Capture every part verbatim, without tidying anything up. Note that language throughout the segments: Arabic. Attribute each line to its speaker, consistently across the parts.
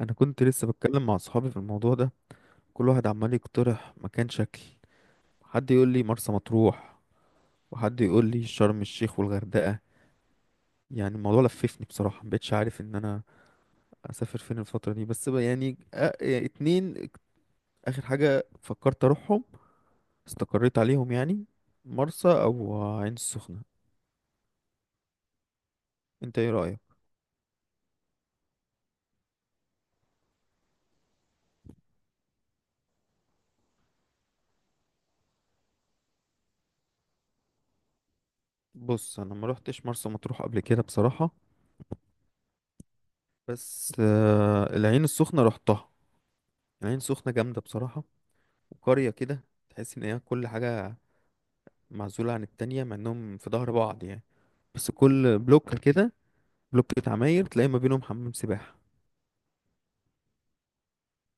Speaker 1: انا كنت لسه بتكلم مع اصحابي في الموضوع ده. كل واحد عمال يقترح مكان شكل. حد يقول لي مرسى مطروح، وحد يقول لي شرم الشيخ والغردقة. يعني الموضوع لففني بصراحة، مبقتش عارف ان انا اسافر فين الفترة دي. بس بقى يعني آ- يعني اتنين اخر حاجة فكرت اروحهم، استقريت عليهم يعني: مرسى او عين السخنة. انت ايه رأيك؟ بص، انا ما روحتش مرسى مطروح قبل كده بصراحة، بس آه، العين السخنة روحتها. العين السخنة جامدة بصراحة، وقرية كده، تحس ان هي كل حاجة معزولة عن التانية، مع انهم في ظهر بعض يعني. بس كل بلوك كده، بلوك بتاع عماير تلاقي ما بينهم حمام سباحة.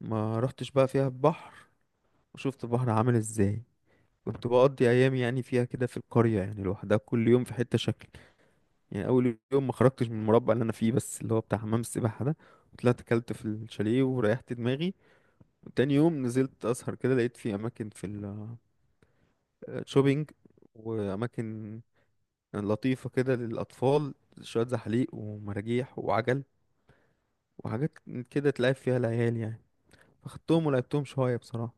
Speaker 1: ما رحتش بقى فيها البحر وشفت البحر عامل ازاي. كنت بقضي ايام يعني فيها كده في القرية يعني لوحدها، كل يوم في حتة شكل. يعني اول يوم ما خرجتش من المربع اللي انا فيه، بس اللي هو بتاع حمام السباحة ده. طلعت كلت في الشاليه وريحت دماغي. وتاني يوم نزلت اسهر كده، لقيت في اماكن في الشوبينج، واماكن لطيفة كده للأطفال، شوية زحليق ومراجيح وعجل وحاجات كده تلعب فيها العيال يعني. فخدتهم ولعبتهم شوية بصراحة.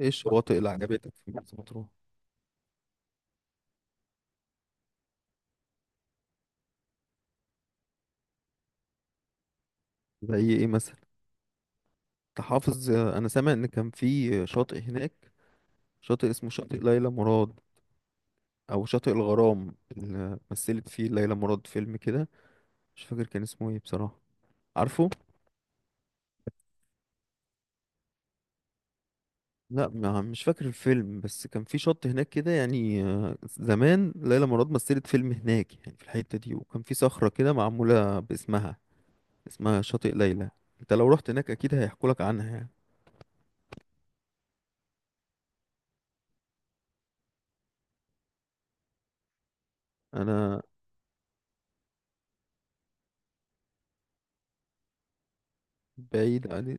Speaker 1: ايه الشواطئ اللي عجبتك في مرسى مطروح؟ زي ايه مثلا؟ انت حافظ؟ انا سامع ان كان في شاطئ هناك، شاطئ اسمه شاطئ ليلى مراد، او شاطئ الغرام اللي مثلت فيه ليلى مراد فيلم كده. مش فاكر كان اسمه ايه بصراحة. عارفه؟ لا، ما مش فاكر الفيلم، بس كان في شط هناك كده يعني. آه، زمان ليلى مراد مثلت فيلم هناك يعني، في الحتة دي، وكان في صخرة كده معمولة باسمها، اسمها شاطئ ليلى. انت لو رحت هناك اكيد هيحكولك عنها يعني. انا بعيد عن-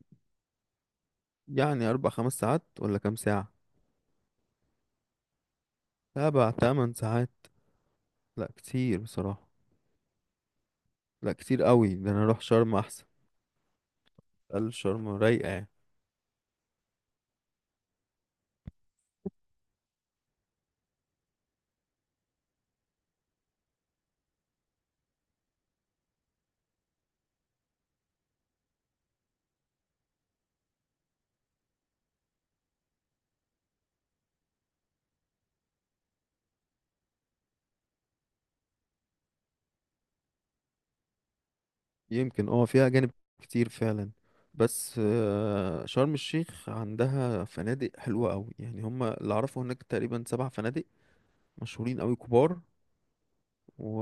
Speaker 1: يعني اربع خمس ساعات ولا كام ساعة؟ سبع تمن ساعات؟ لا كتير بصراحة. لا كتير قوي، ده انا اروح شرم احسن. قال شرم رايقة يعني. يمكن اه فيها أجانب كتير فعلا. بس آه، شرم الشيخ عندها فنادق حلوة أوي، يعني هما اللي أعرفه هناك تقريبا سبع فنادق مشهورين أوي كبار. و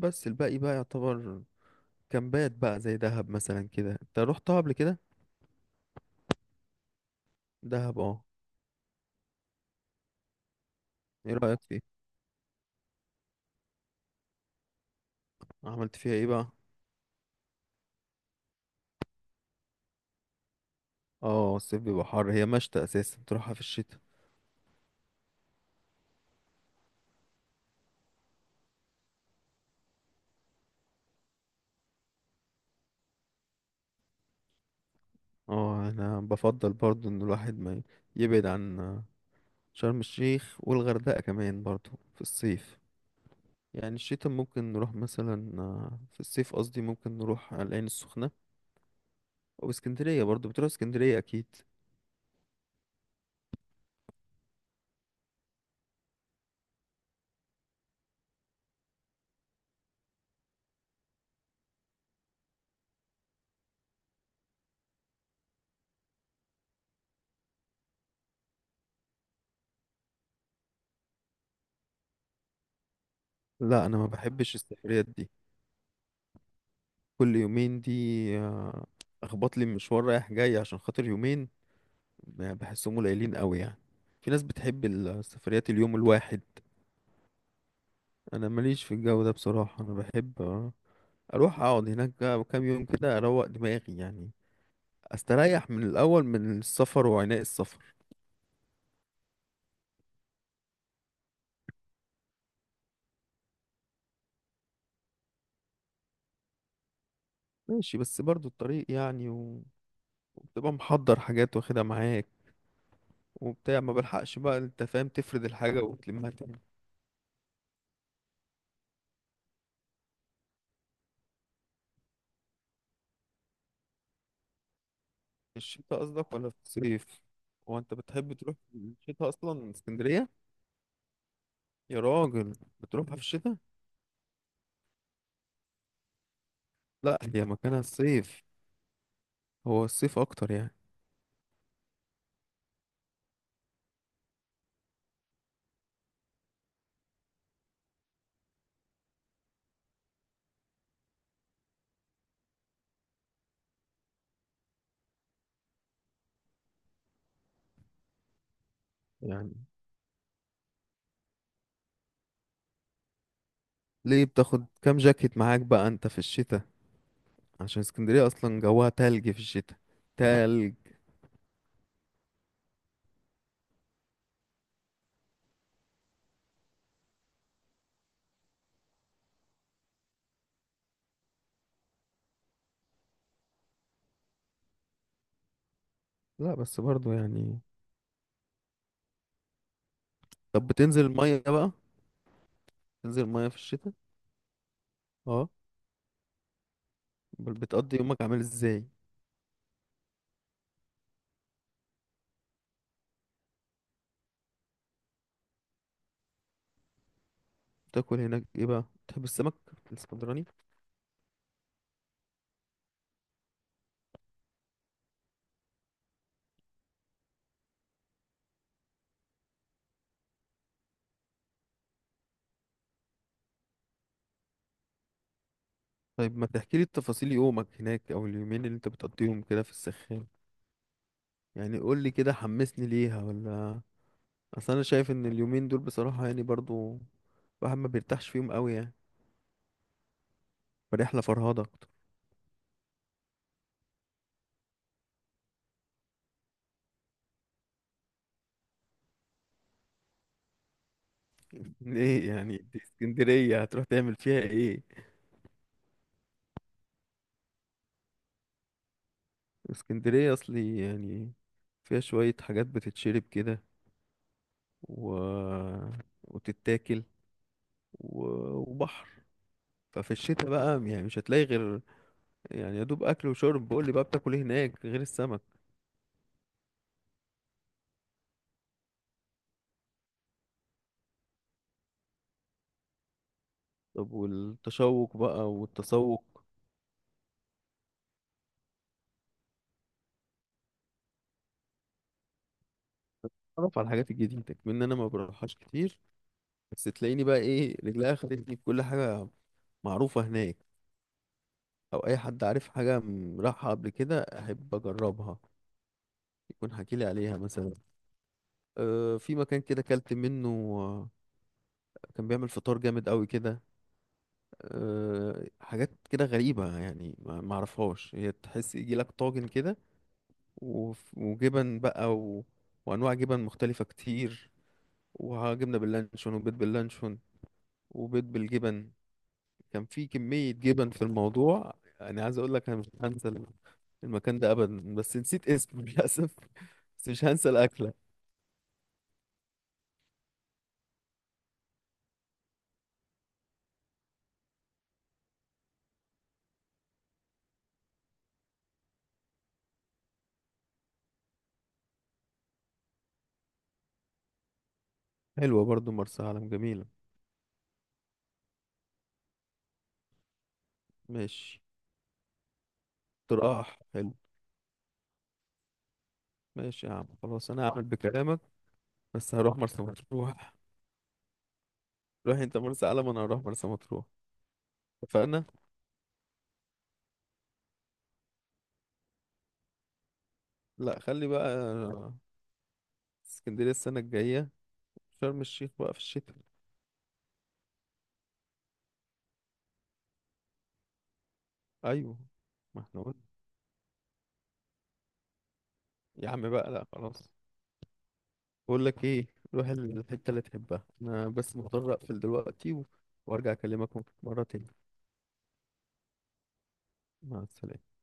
Speaker 1: بس الباقي بقى يعتبر كامبات بقى، زي دهب مثلا كده. انت رحتها قبل كده دهب؟ اه، ايه رأيك فيها؟ عملت فيها ايه بقى؟ اه الصيف بيبقى حر، هي مشتى اساسا تروحها في الشتاء. اه انا بفضل برضو ان الواحد ما يبعد عن شرم الشيخ والغردقة كمان برضو في الصيف. يعني الشتاء ممكن نروح مثلا. آه، في الصيف قصدي ممكن نروح على العين السخنة أو اسكندرية. برضه بتروح اسكندرية أكيد. لا، أنا ما بحبش السفريات دي كل يومين دي. آه، أخبط لي مشوار رايح جاي عشان خاطر يومين، يعني بحسهم قليلين قوي يعني. في ناس بتحب السفريات اليوم الواحد، أنا ماليش في الجو ده بصراحة. أنا بحب آه، أروح أقعد هناك بقى كام يوم كده، أروق دماغي يعني، أستريح من الأول من السفر وعناء السفر. ماشي بس برضه الطريق يعني، وبتبقى محضر حاجات واخدها معاك وبتاع، ما بلحقش بقى انت فاهم تفرد الحاجة وتلمها تاني. في الشتاء قصدك ولا في الصيف؟ هو انت بتحب تروح في الشتاء اصلا اسكندرية؟ يا راجل، بتروحها في الشتاء؟ لا، هي مكانها الصيف، هو الصيف اكتر يعني. يعني ليه بتاخد كام جاكيت معاك بقى انت في الشتاء؟ عشان اسكندرية اصلا جواها تلج في الشتاء، تلج. لا بس برضو يعني. طب بتنزل المية بقى؟ تنزل المية في الشتاء؟ اه، بل- بتقضي يومك عامل ازاي؟ تاكل هناك ايه بقى؟ تحب السمك الاسكندراني؟ طيب ما تحكي لي التفاصيل يومك هناك، او اليومين اللي انت بتقضيهم كده في السخان. يعني قول لي كده، حمسني ليها ولا. اصل انا شايف ان اليومين دول بصراحة يعني برضو الواحد ما بيرتاحش فيهم قوي يعني، فرحلة فرهضة أكتر. ايه يعني دي، اسكندرية هتروح تعمل فيها ايه؟ اسكندرية اصلي يعني فيها شوية حاجات بتتشرب كده و... وتتاكل و... وبحر. ففي الشتاء بقى يعني مش هتلاقي غير، يعني يا دوب اكل وشرب. بقول لي بقى بتاكل ايه هناك غير السمك؟ طب والتشوق بقى والتسوق؟ اتعرف على الحاجات الجديده كمان. انا ما بروحهاش كتير، بس تلاقيني بقى ايه رجليا خدتني في كل حاجه معروفه هناك، او اي حد عارف حاجه م- راحها قبل كده احب اجربها، يكون حكي لي عليها مثلا. أه في مكان كده كلت منه، آه، كان بيعمل فطار جامد قوي كده. أه حاجات كده غريبه يعني ما ما اعرفهاش. هي تحس يجي لك طاجن كده، وف- وجبن بقى و... وانواع جبن مختلفه كتير، وجبنه باللانشون وبيض باللانشون وبيض بالجبن. كان في كميه جبن في الموضوع. يعني عايز اقول لك انا مش هنسى ال- المكان ده ابدا، بس نسيت اسمه للاسف. بس مش هنسى الاكله. حلوه برضو مرسى علم، جميله. ماشي، اقتراح حلو. ماشي يا عم، خلاص انا هعمل بكلامك، بس هروح مرسى مطروح. روح انت مرسى علم وانا هروح مرسى مطروح، اتفقنا. لا، خلي بقى آه، اسكندريه السنه الجايه، شرم الشيخ بقى في الشتاء. ايوه. ما احنا قلنا. يا عم بقى لا خلاص. بقول لك ايه، روح الحته اللي تحبها. انا بس مضطر اقفل دلوقتي و... وارجع اكلمك مرة تاني. مع السلامه.